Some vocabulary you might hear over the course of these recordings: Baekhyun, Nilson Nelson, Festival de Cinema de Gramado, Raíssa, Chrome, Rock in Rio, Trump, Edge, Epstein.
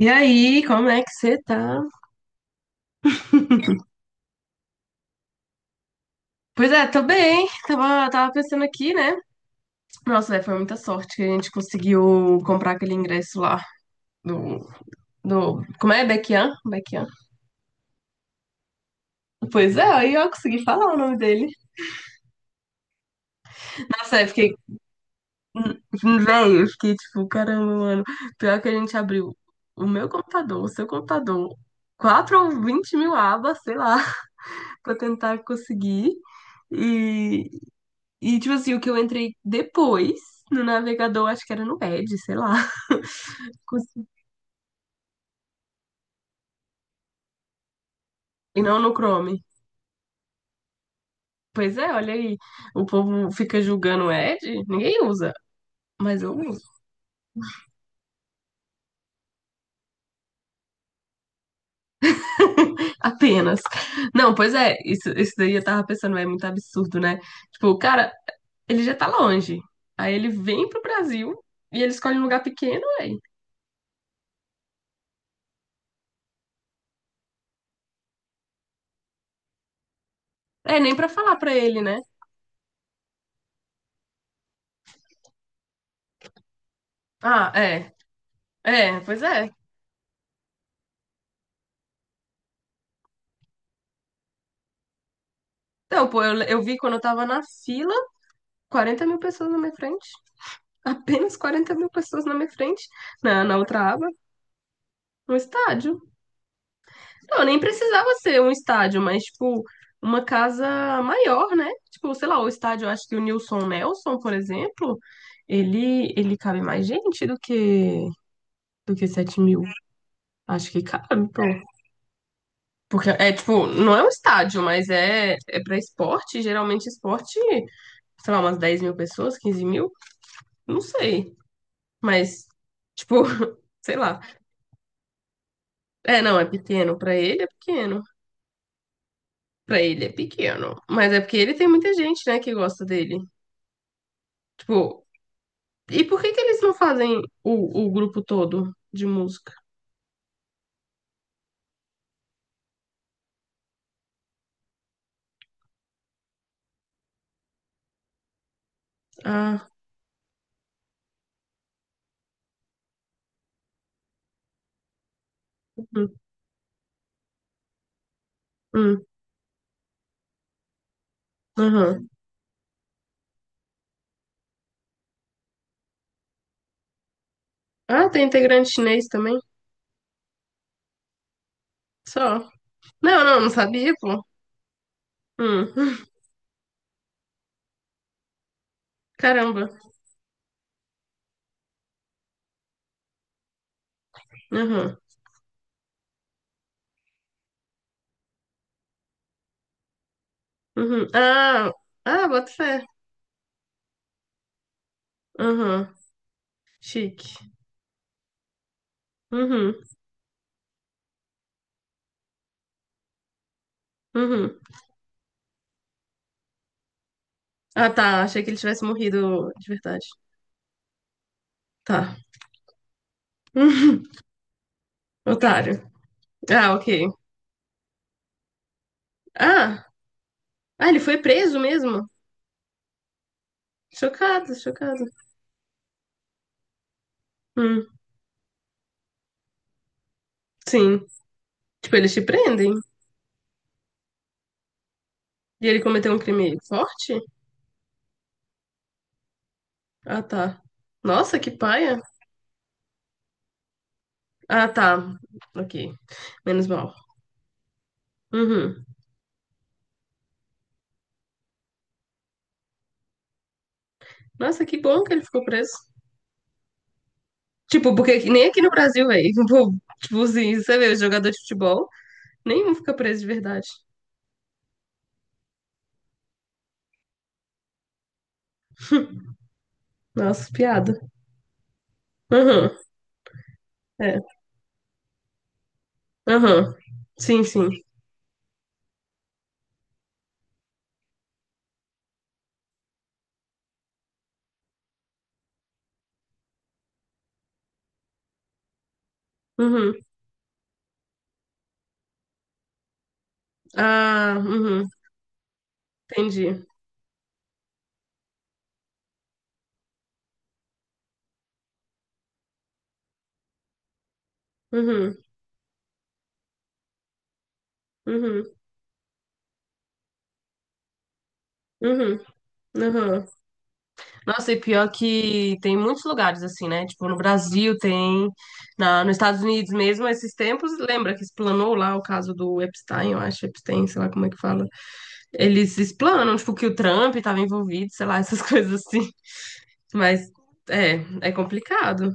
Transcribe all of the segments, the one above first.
E aí, como é que você tá? Pois é, tô bem. Tava pensando aqui, né? Nossa, é, foi muita sorte que a gente conseguiu comprar aquele ingresso lá do, como é? Baekhyun? Baekhyun. Pois é, aí eu consegui falar o nome dele. Nossa, é, fiquei, velho, eu fiquei tipo, caramba, mano. Pior que a gente abriu o meu computador, o seu computador, quatro ou 20 mil abas, sei lá, pra tentar conseguir. E, tipo assim, o que eu entrei depois no navegador, acho que era no Edge, sei lá. E não no Chrome. Pois é, olha aí. O povo fica julgando o Edge, ninguém usa. Mas eu uso. Apenas. Não, pois é, isso daí eu tava pensando, é muito absurdo, né? Tipo, o cara, ele já tá longe. Aí ele vem pro Brasil e ele escolhe um lugar pequeno, aí. É, nem pra falar pra ele, né? Ah, é. É, pois é. Então, pô, eu vi quando eu tava na fila, 40 mil pessoas na minha frente. Apenas 40 mil pessoas na minha frente, na outra aba, um estádio. Não, nem precisava ser um estádio, mas, tipo, uma casa maior, né? Tipo, sei lá, o estádio, eu acho que o Nilson Nelson, por exemplo, ele cabe mais gente do que 7 mil. Acho que cabe, pô. Porque é, tipo, não é um estádio, mas é pra esporte. Geralmente, esporte, sei lá, umas 10 mil pessoas, 15 mil, não sei. Mas, tipo, sei lá. É, não, é pequeno. Pra ele é pequeno. Pra ele é pequeno. Mas é porque ele tem muita gente, né, que gosta dele. Tipo, e por que que eles não fazem o grupo todo de música? Ah, hum, hum, aham. Ah, tem integrante chinês também? Só. Não, não sabia, pô. Hum, caramba. Aham, uhum. Ah, ah, bota fé. Aham, chique. Uhum, uhum. Ah, tá, achei que ele tivesse morrido de verdade. Tá. Otário. Ah, ok. Ah, Ah, ele foi preso mesmo? Chocado, chocado. Hum, sim. Tipo, eles te prendem? E ele cometeu um crime forte? Ah, tá. Nossa, que paia. Ah, tá. Ok. Menos mal. Uhum. Nossa, que bom que ele ficou preso. Tipo, porque aqui- nem aqui no Brasil, velho. Tipo, assim, você vê, jogador de futebol, nenhum fica preso de verdade. Nossa, piada. Uhum. É. Uhum. Sim, sim. Uhum. Ah, uhum. Entendi. Uhum. Uhum. Uhum. Uhum. Nossa, e pior que tem muitos lugares assim, né? Tipo, no Brasil tem, nos Estados Unidos mesmo, esses tempos, lembra que explanou lá o caso do Epstein, eu acho, Epstein, sei lá como é que fala. Eles explanam, tipo, que o Trump estava envolvido, sei lá, essas coisas assim. Mas é, é complicado.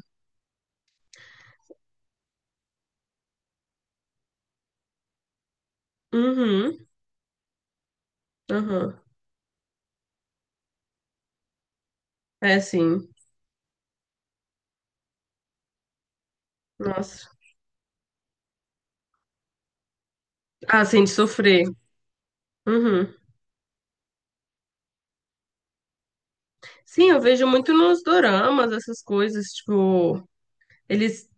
Uhum, uhum. É sim. Nossa. Ah, sim, de sofrer. Uhum. Sim, eu vejo muito nos doramas essas coisas, tipo, eles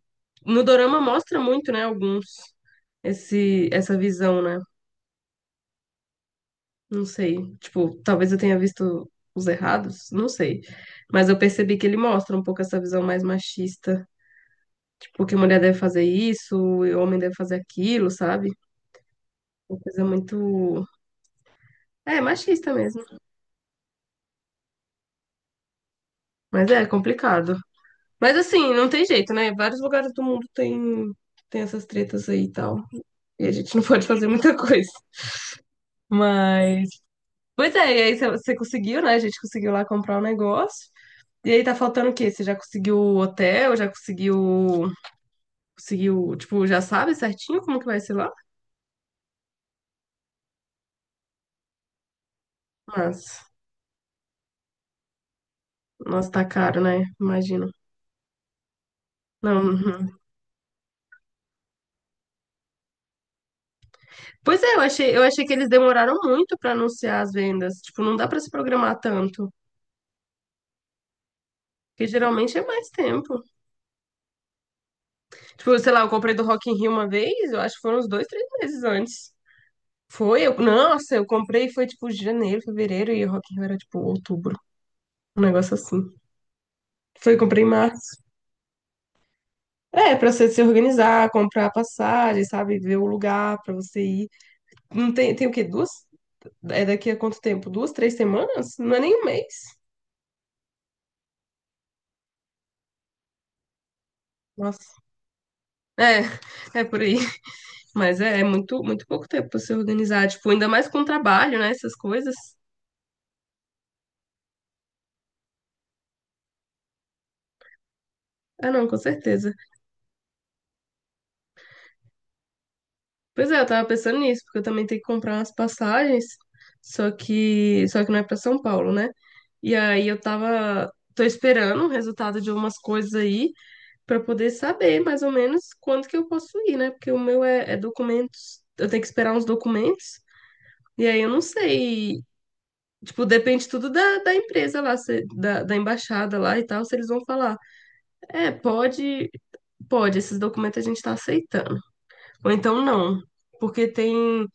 No dorama mostra muito, né, alguns, essa visão, né? Não sei. Tipo, talvez eu tenha visto os errados, não sei. Mas eu percebi que ele mostra um pouco essa visão mais machista. Tipo, que mulher deve fazer isso, e homem deve fazer aquilo, sabe? Uma coisa muito. É, machista mesmo. Mas é complicado. Mas assim, não tem jeito, né? Vários lugares do mundo tem essas tretas aí e tal. E a gente não pode fazer muita coisa. Mas. Pois é, e aí você conseguiu, né? A gente conseguiu lá comprar um negócio. E aí tá faltando o quê? Você já conseguiu o hotel? Já conseguiu. Conseguiu, tipo, já sabe certinho como que vai ser lá? Mas, nossa, tá caro, né? Imagino. Não. Uhum. Pois é, eu achei que eles demoraram muito pra anunciar as vendas. Tipo, não dá pra se programar tanto. Porque geralmente é mais tempo. Tipo, sei lá, eu comprei do Rock in Rio uma vez, eu acho que foram uns dois, três meses antes. Foi, eu, nossa, eu comprei, foi tipo janeiro, fevereiro, e o Rock in Rio era tipo outubro. Um negócio assim. Foi, comprei em março. É, pra você se organizar, comprar passagem, sabe? Ver o lugar pra você ir. Não tem, tem o quê? Duas? É daqui a quanto tempo? Duas, três semanas? Não é nem um mês. Nossa. É, é por aí. Mas é, muito pouco tempo pra se organizar. Tipo, ainda mais com trabalho, né? Essas coisas. Ah, não, com certeza. Pois é, eu tava pensando nisso, porque eu também tenho que comprar umas passagens. Só que não é pra São Paulo, né? E aí tô esperando o resultado de umas coisas aí. Para poder saber mais ou menos quando que eu posso ir, né? Porque o meu é documentos, eu tenho que esperar uns documentos, e aí eu não sei. Tipo, depende tudo da empresa lá, da embaixada lá e tal, se eles vão falar. É, pode, pode, esses documentos a gente tá aceitando. Ou então não. Porque tem.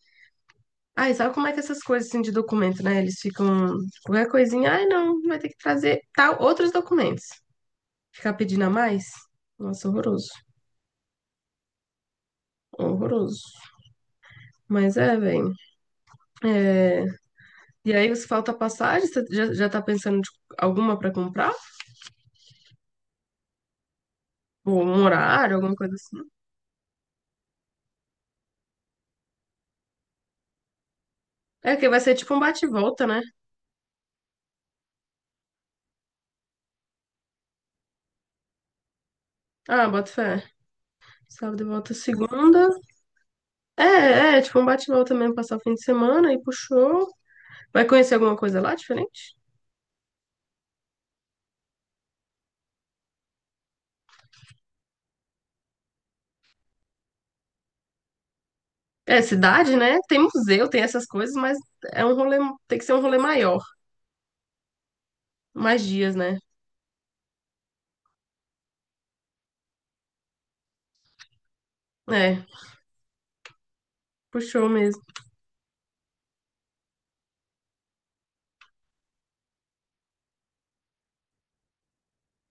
Ai, sabe como é que essas coisas assim de documento, né? Eles ficam. Qualquer coisinha, ai, não, vai ter que trazer tal, outros documentos. Ficar pedindo a mais? Nossa, horroroso. Horroroso. Mas é, velho. É, e aí, você falta passagem, você já tá pensando de alguma pra comprar? Ou um horário, alguma coisa assim? É que vai ser tipo um bate e volta, né? Ah, bota fé. Sábado e volta segunda. É, é, é, tipo um bate e volta mesmo, passar o fim de semana e puxou. Vai conhecer alguma coisa lá diferente? É, cidade, né? Tem museu, tem essas coisas, mas é um rolê, tem que ser um rolê maior, mais dias, né? É, puxou mesmo.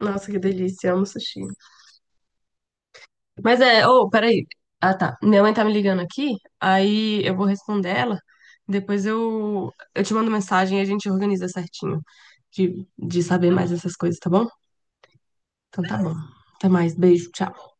Nossa, que delícia, amo sushi. Mas é, ô, peraí. Ah, tá. Minha mãe tá me ligando aqui, aí eu vou responder ela. Depois eu te mando mensagem e a gente organiza certinho de saber mais essas coisas, tá bom? Então tá bom. Até mais, beijo, tchau.